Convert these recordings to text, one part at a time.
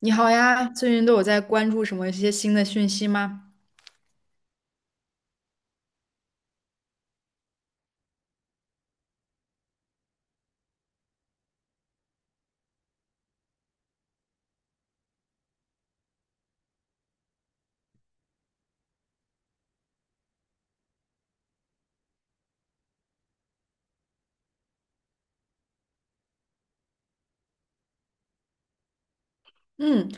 你好呀，最近都有在关注什么一些新的讯息吗？嗯，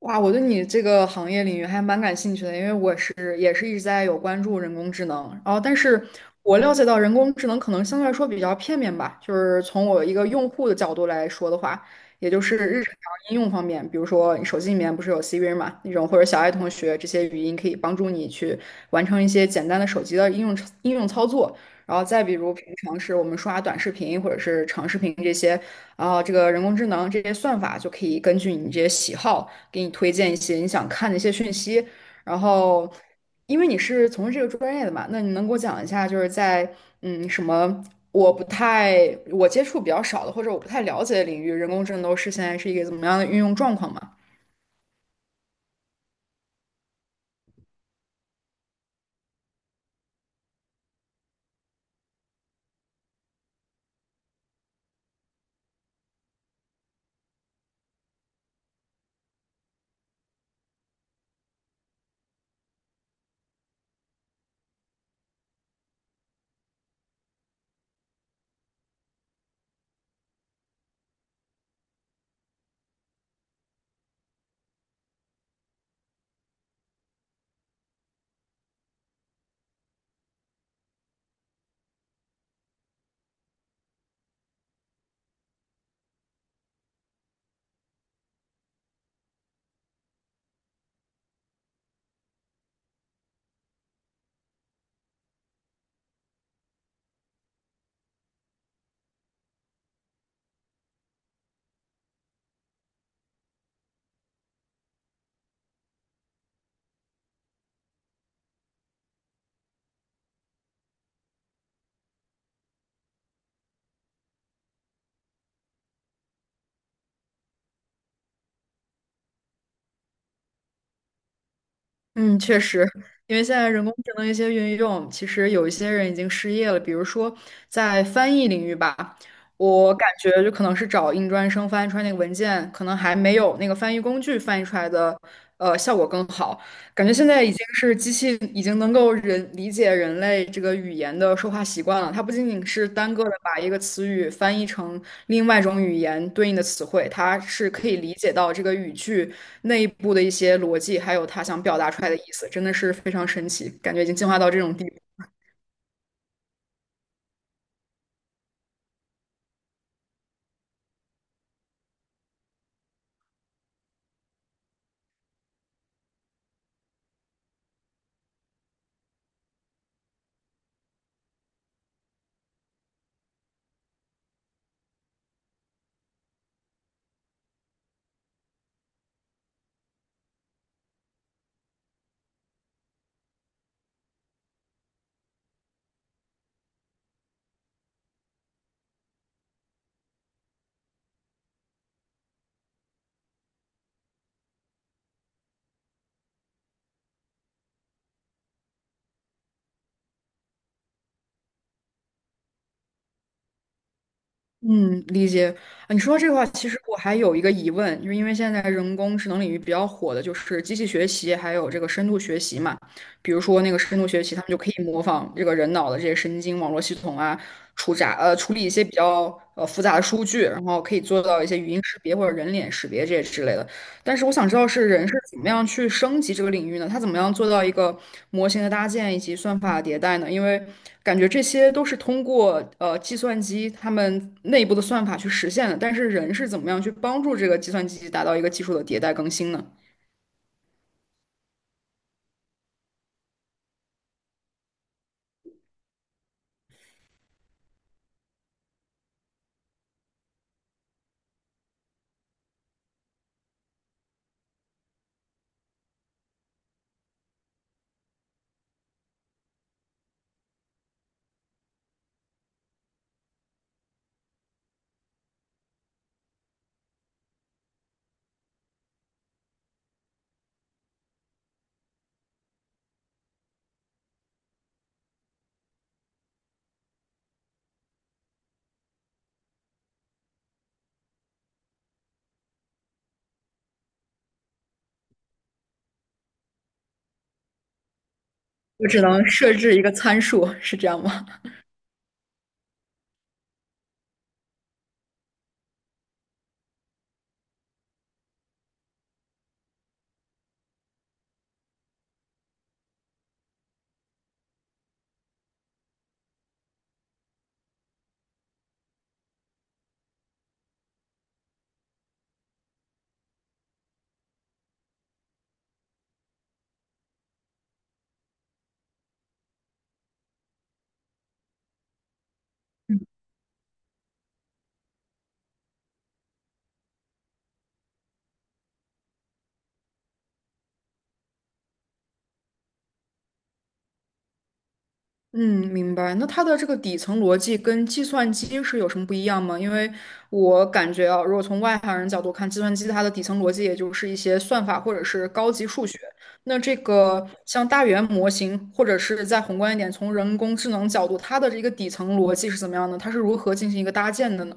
哇，我对你这个行业领域还蛮感兴趣的，因为也是一直在有关注人工智能，然后但是我了解到人工智能可能相对来说比较片面吧，就是从我一个用户的角度来说的话，也就是日常应用方面，比如说你手机里面不是有 Siri 嘛，那种或者小爱同学这些语音可以帮助你去完成一些简单的手机的应用操作，然后再比如平常是我们刷短视频或者是长视频这些。然后这个人工智能这些算法就可以根据你这些喜好，给你推荐一些你想看的一些讯息。然后，因为你是从事这个专业的嘛，那你能给我讲一下，就是在嗯什么我不太我接触比较少的，或者我不太了解的领域，人工智能都是现在是一个怎么样的运用状况吗？嗯，确实，因为现在人工智能一些运用，其实有一些人已经失业了。比如说在翻译领域吧，我感觉就可能是找硬专生翻译出来那个文件，可能还没有那个翻译工具翻译出来的效果更好。感觉现在已经是机器已经能够人理解人类这个语言的说话习惯了。它不仅仅是单个的把一个词语翻译成另外一种语言对应的词汇，它是可以理解到这个语句内部的一些逻辑，还有它想表达出来的意思，真的是非常神奇，感觉已经进化到这种地步。嗯，理解啊。你说到这个话，其实我还有一个疑问，就是因为现在人工智能领域比较火的就是机器学习，还有这个深度学习嘛。比如说那个深度学习，他们就可以模仿这个人脑的这些神经网络系统啊，处理一些比较复杂的数据，然后可以做到一些语音识别或者人脸识别这些之类的。但是我想知道是人是怎么样去升级这个领域呢？他怎么样做到一个模型的搭建以及算法迭代呢？因为感觉这些都是通过计算机他们内部的算法去实现的，但是人是怎么样去帮助这个计算机达到一个技术的迭代更新呢？我只能设置一个参数，是这样吗？嗯，明白。那它的这个底层逻辑跟计算机是有什么不一样吗？因为我感觉啊，如果从外行人角度看，计算机它的底层逻辑也就是一些算法或者是高级数学。那这个像大语言模型，或者是再宏观一点，从人工智能角度，它的这个底层逻辑是怎么样的？它是如何进行一个搭建的呢？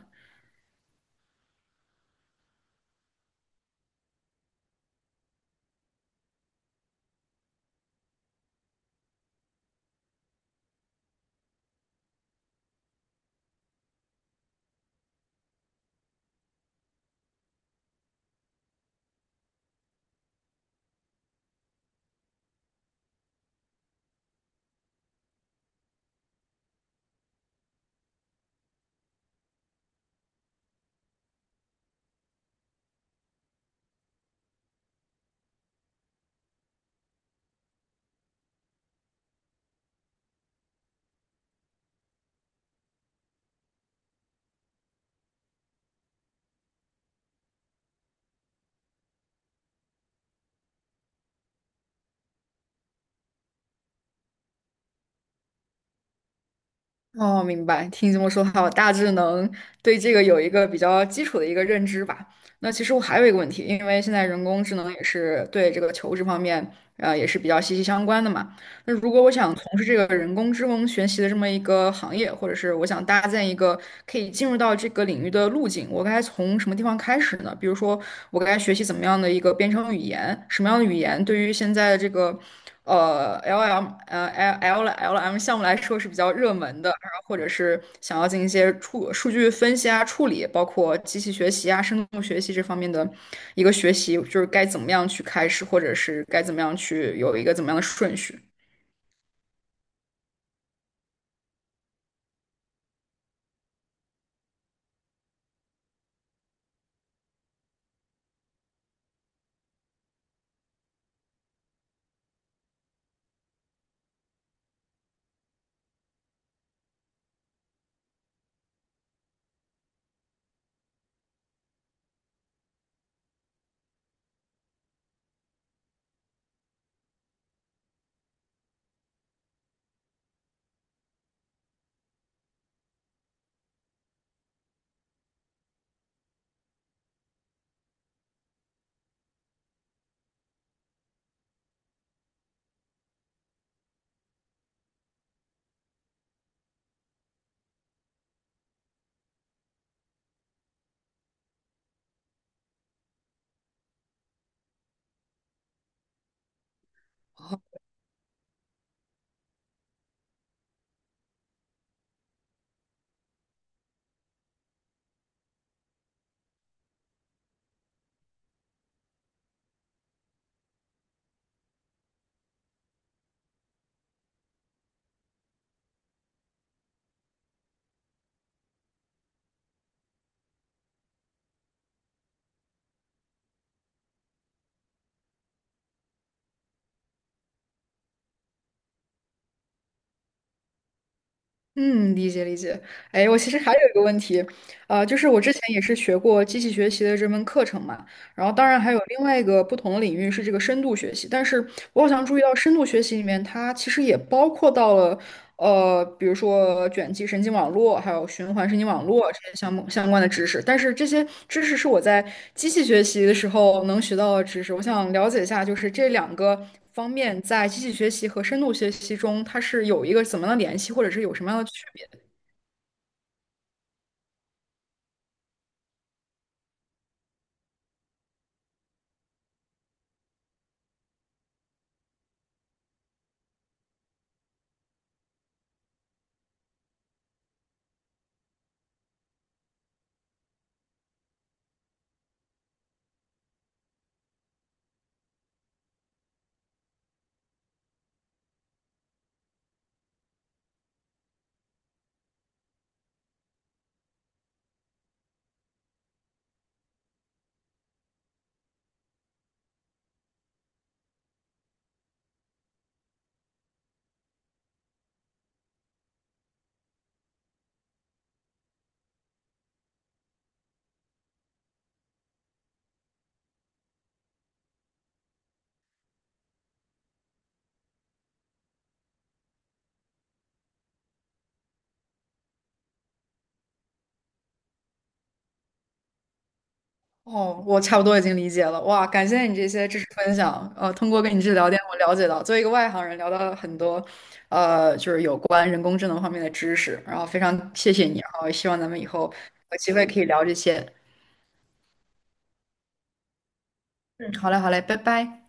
哦，明白。听你这么说的话，我大致能对这个有一个比较基础的一个认知吧。那其实我还有一个问题，因为现在人工智能也是对这个求职方面，也是比较息息相关的嘛。那如果我想从事这个人工智能学习的这么一个行业，或者是我想搭建一个可以进入到这个领域的路径，我该从什么地方开始呢？比如说，我该学习怎么样的一个编程语言？什么样的语言对于现在的这个LM L L LM 项目来说是比较热门的？然后或者是想要进行一些数据分析啊、处理，包括机器学习啊、深度学习这方面的一个学习，就是该怎么样去开始，或者是该怎么样去有一个怎么样的顺序？嗯，理解理解。哎，我其实还有一个问题，就是我之前也是学过机器学习的这门课程嘛，然后当然还有另外一个不同的领域是这个深度学习，但是我好像注意到深度学习里面它其实也包括到了，比如说卷积神经网络，还有循环神经网络这些相关的知识。但是这些知识是我在机器学习的时候能学到的知识。我想了解一下，就是这两个方面在机器学习和深度学习中，它是有一个怎么样的联系，或者是有什么样的区别？哦，我差不多已经理解了。哇，感谢你这些知识分享。通过跟你这聊天，我了解到，作为一个外行人，聊到了很多，就是有关人工智能方面的知识。然后非常谢谢你，然后希望咱们以后有机会可以聊这些。嗯，好嘞，好嘞，拜拜。